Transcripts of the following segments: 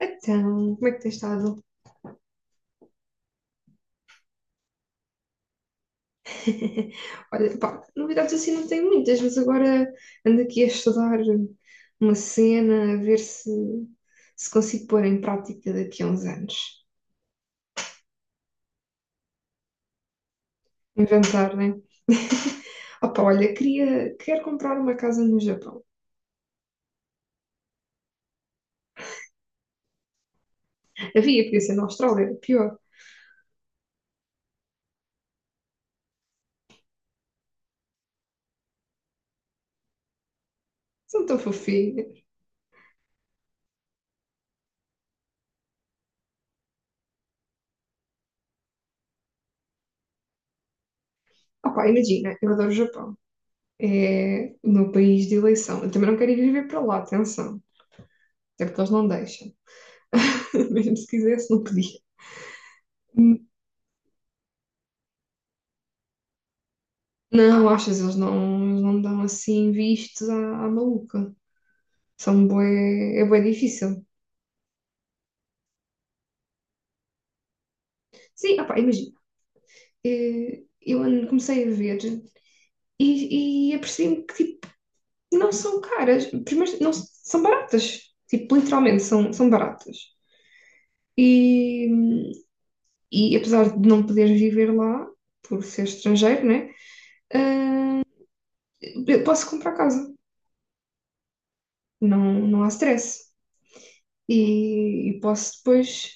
Então, como é que tens estado? Olha, pá, novidades assim não tenho muitas, mas agora ando aqui a estudar uma cena, a ver se consigo pôr em prática daqui a uns anos. Inventar, né? Opa, olha, queria, quero comprar uma casa no Japão. Havia, podia ser na Austrália, era pior. São tão fofinhas. Opa, imagina, eu adoro o Japão. É o meu país de eleição. Eu também não quero ir viver para lá, atenção. Até porque eles não deixam. Mesmo se quisesse, não podia. Não, achas, eles não dão assim vistos à maluca. São bué, é bué difícil. Sim, opá, imagina, comecei a ver e apercebi-me que tipo, não são caras. Primeiro, não, são baratas. Tipo, literalmente, são baratas. E, e apesar de não poder viver lá, por ser estrangeiro, né? Eu posso comprar casa. Não, não há stress. E posso depois...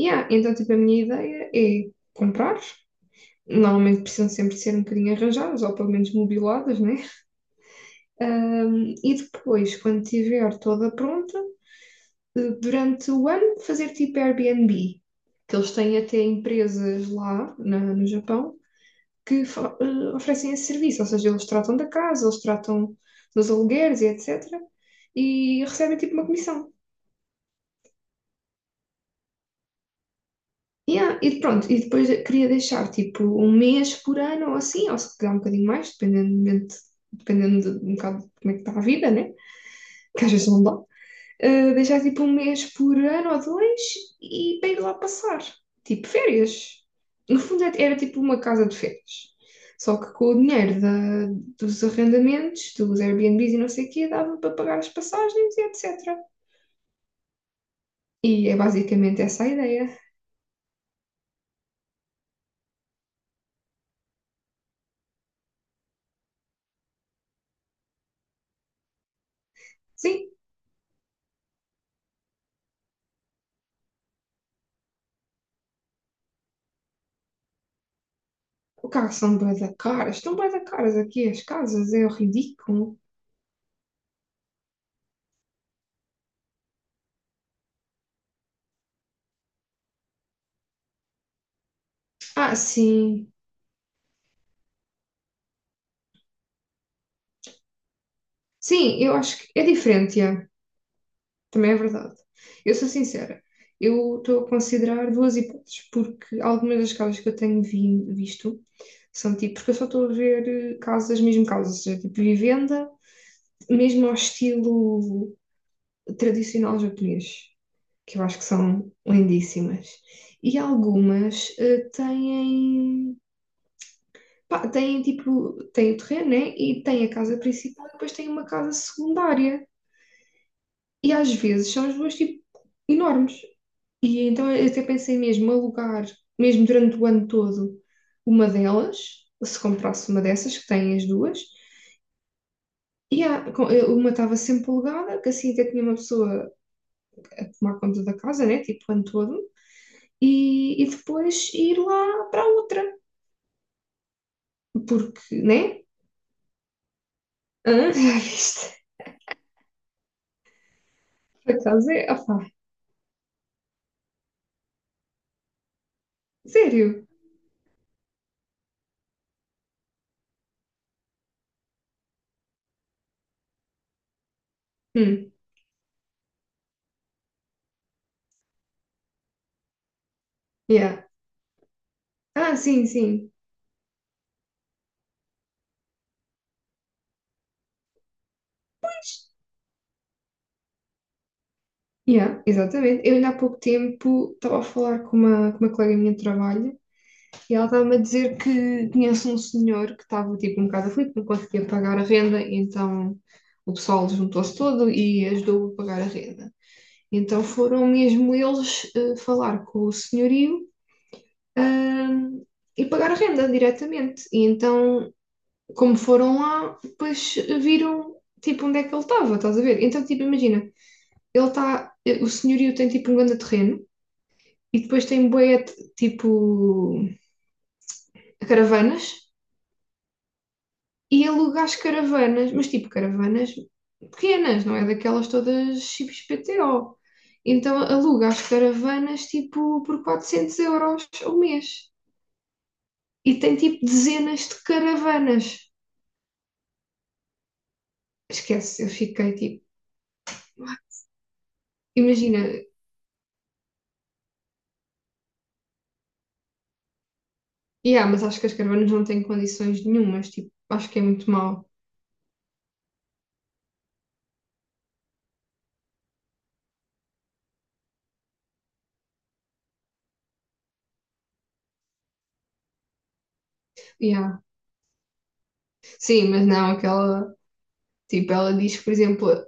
Yeah, então, tipo, a minha ideia é comprar. Normalmente precisam sempre ser um bocadinho arranjadas, ou pelo menos mobiladas, né? E depois, quando tiver toda pronta, durante o ano, fazer tipo Airbnb, que eles têm até empresas no Japão que oferecem esse serviço, ou seja, eles tratam da casa, eles tratam dos alugueres e etc. E recebem tipo uma comissão. Yeah, e pronto, e depois queria deixar tipo um mês por ano ou assim, ou se calhar um bocadinho mais, dependendo, dependendo de um bocado de como é que está a vida, né? Que às vezes não dá, deixar tipo um mês por ano ou dois e para ir lá passar, tipo férias. No fundo é, era tipo uma casa de férias. Só que com o dinheiro dos arrendamentos, dos Airbnbs e não sei o quê, dava para pagar as passagens e etc. E é basicamente essa a ideia. Sim, o carro são bué da caras, estão bué da caras aqui as casas, é ridículo. Ah, sim. Sim, eu acho que é diferente, é. Também é verdade. Eu sou sincera, eu estou a considerar duas hipóteses, porque algumas das casas que eu tenho visto são tipo, porque eu só estou a ver casas, mesmo casas, ou seja, tipo vivenda, mesmo ao estilo tradicional japonês, que eu acho que são lindíssimas. E algumas têm, pá, têm tipo, têm o terreno, né? E têm a casa principal e depois têm uma casa secundária. E às vezes são as duas tipo enormes. E então eu até pensei mesmo alugar, mesmo durante o ano todo, uma delas, se comprasse uma dessas, que tem as duas, e uma estava sempre alugada, que assim até tinha uma pessoa a tomar conta da casa, né, tipo o ano todo, e depois ir lá para a outra, porque, né? Hã? Já viste? Por acaso é, opá, sério? Hum, yeah. Ah, sim, sim. Yeah, exatamente. Eu ainda há pouco tempo estava a falar com uma colega minha de trabalho e ela estava-me a dizer que conhece um senhor que estava tipo um bocado aflito, não conseguia pagar a renda, então o pessoal juntou-se todo e ajudou a pagar a renda. Então foram mesmo eles falar com o senhorio, ahm, e pagar a renda diretamente. E então, como foram lá, depois viram tipo onde é que ele estava, estás a ver? Então, tipo, imagina, ele está, o senhorio tem tipo um grande terreno e depois tem bué tipo caravanas e alugares caravanas, mas tipo caravanas pequenas, não é daquelas todas XPTO. Então alugas caravanas tipo por 400 € ao mês e tem tipo dezenas de caravanas. Esquece, eu fiquei tipo, imagina, yeah, mas acho que as caravanas não têm condições nenhumas, tipo, acho que é muito mau. Yeah. Sim, mas não, aquela, tipo, ela diz que, por exemplo,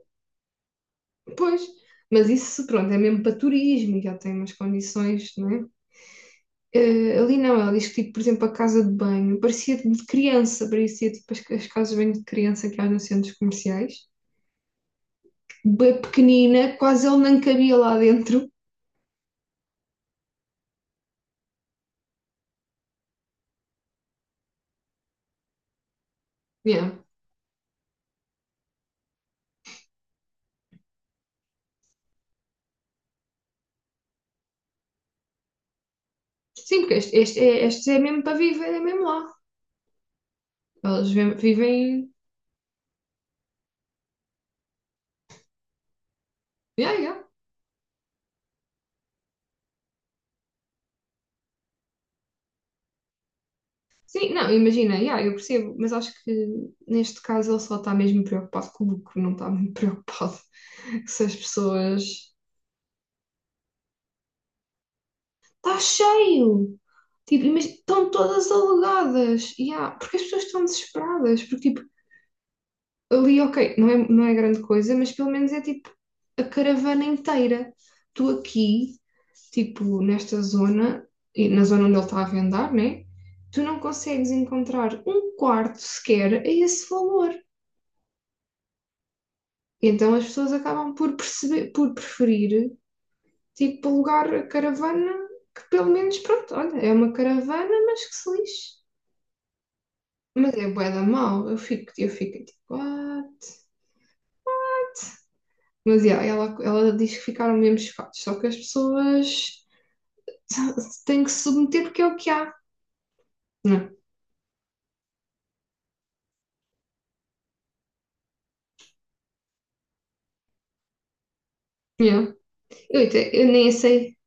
pois, mas isso pronto, é mesmo para turismo, já tem umas condições, não é? Ali não, ela diz que, tipo, por exemplo, a casa de banho parecia de criança, parecia tipo as casas de banho de criança que há nos centros comerciais, bem pequenina, quase ele não cabia lá dentro. Yeah. Sim, porque este é mesmo para viver, é mesmo lá. Eles vivem. Yeah, yeah. Sim, não, imagina, yeah, eu percebo, mas acho que neste caso ele só está mesmo preocupado com o lucro, não está muito preocupado se as pessoas está cheio. Tipo, mas estão todas alugadas. Porque as pessoas estão desesperadas. Porque, tipo, ali, ok, não é grande coisa, mas pelo menos é tipo a caravana inteira. Tu aqui, tipo, nesta zona, e na zona onde ele está a vendar, né? Tu não consegues encontrar um quarto sequer a esse valor. Então as pessoas acabam por perceber, por preferir, tipo, alugar a caravana que pelo menos, pronto, olha, é uma caravana, mas que se lixe. Mas é bué da mal, eu fico tipo, what? Mas yeah, ela diz que ficaram mesmo chocados, só que as pessoas têm que se submeter porque é o que há. Não. Yeah. Eu nem sei.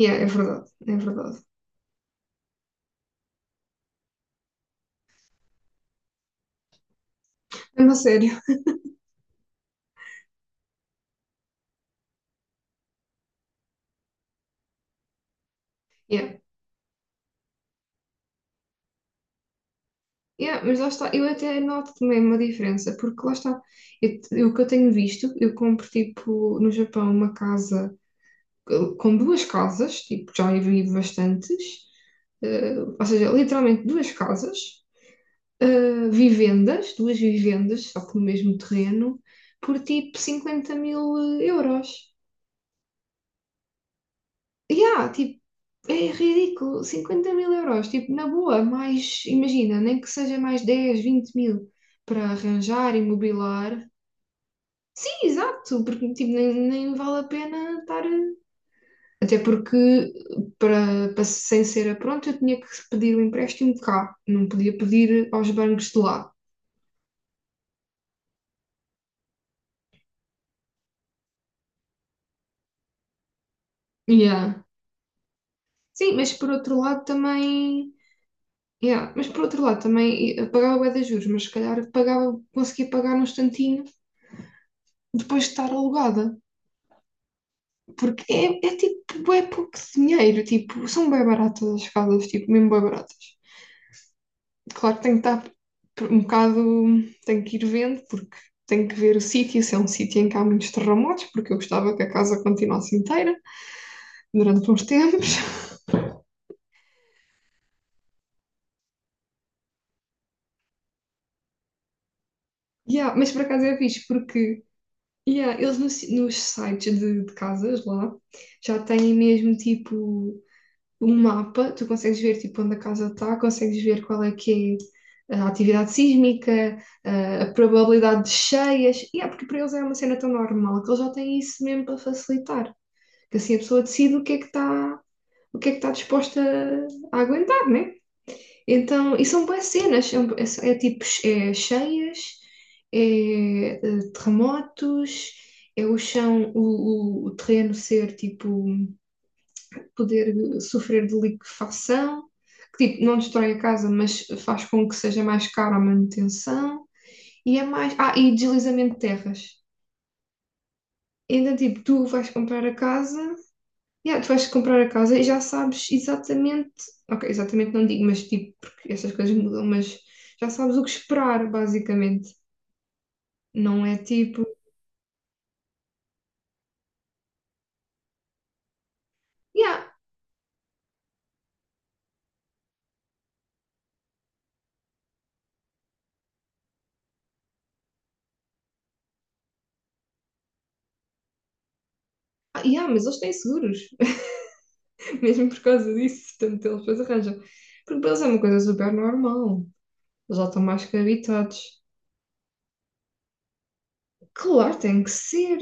Yeah, é verdade, é verdade. É uma sério. Yeah. Yeah, mas lá está, eu até noto também uma diferença, porque lá está, o que eu tenho visto, eu compro tipo no Japão uma casa eh, com duas casas, tipo, já vi bastantes, ou seja, literalmente duas casas vivendas, duas vivendas, só que no mesmo terreno, por tipo 50 000 euros. Yeah, tipo, é ridículo, 50 mil euros, tipo, na boa, mais, imagina, nem que seja mais 10 20 mil para arranjar, imobilar. Sim, exato, porque tipo, nem vale a pena estar. Até porque, para sem ser a pronto, eu tinha que pedir o empréstimo de cá, não podia pedir aos bancos de lá. Yeah. Sim, mas por outro lado também. Yeah, mas por outro lado, também pagava bué de juros, mas se calhar pagava, conseguia pagar num instantinho depois de estar alugada, porque é tipo bué pouco dinheiro, tipo, são bué baratas as casas, tipo, mesmo bué baratas. Claro que tenho que estar um bocado, tenho que ir vendo, porque tenho que ver o sítio, se é um sítio em que há muitos terremotos, porque eu gostava que a casa continuasse inteira durante uns tempos. Yeah, mas por acaso é fixe, porque yeah, eles no si- nos sites de casas lá já têm mesmo tipo um mapa, tu consegues ver tipo onde a casa está, consegues ver qual é que é a atividade sísmica, a probabilidade de cheias, e é porque para eles é uma cena tão normal que eles já têm isso mesmo para facilitar, que assim a pessoa decide o que é que está, o que é que está disposta a aguentar, né? Então, e são boas cenas, é, é tipo é cheias, é, terremotos, é o chão, o terreno ser tipo poder sofrer de liquefação, que tipo, não destrói a casa, mas faz com que seja mais caro a manutenção. E é mais. Ah, e deslizamento de terras. Ainda tipo, tu vais comprar a casa, yeah, tu vais comprar a casa e já sabes exatamente. Ok, exatamente não digo, mas tipo, porque essas coisas mudam, mas já sabes o que esperar, basicamente. Não é tipo. Yeah, ah, yeah, mas eles têm seguros, mesmo por causa disso, portanto eles depois arranjam. Porque para eles é uma coisa super normal. Eles já estão mais que habituados. Claro, tem que ser.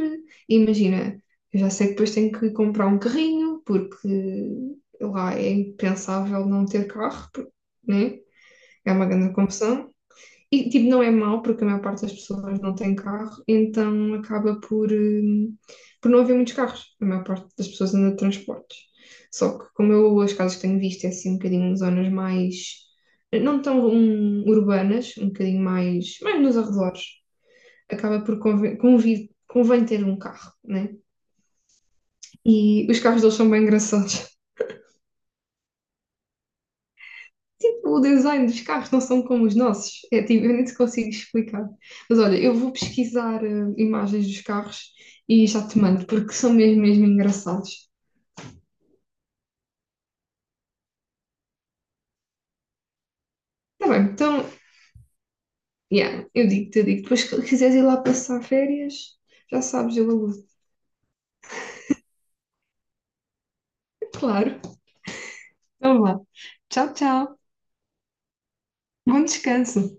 Imagina, eu já sei que depois tenho que comprar um carrinho, porque lá é impensável não ter carro, porque, né? É uma grande confusão. E, tipo, não é mau, porque a maior parte das pessoas não tem carro, então acaba por não haver muitos carros. A maior parte das pessoas anda de transportes. Só que, como eu, as casas que tenho visto é assim um bocadinho em zonas mais, não tão urbanas, um bocadinho mais, mais nos arredores. Acaba por convém ter um carro, né? E os carros deles são bem engraçados. Tipo, o design dos carros não são como os nossos. É, tipo, eu nem te consigo explicar. Mas olha, eu vou pesquisar imagens dos carros e já te mando, porque são mesmo, mesmo engraçados. Tá bem, então, yeah, eu digo. Depois, se quiseres ir lá passar férias, já sabes, eu aludo. Claro. Então vá. Tchau, tchau. Bom descanso.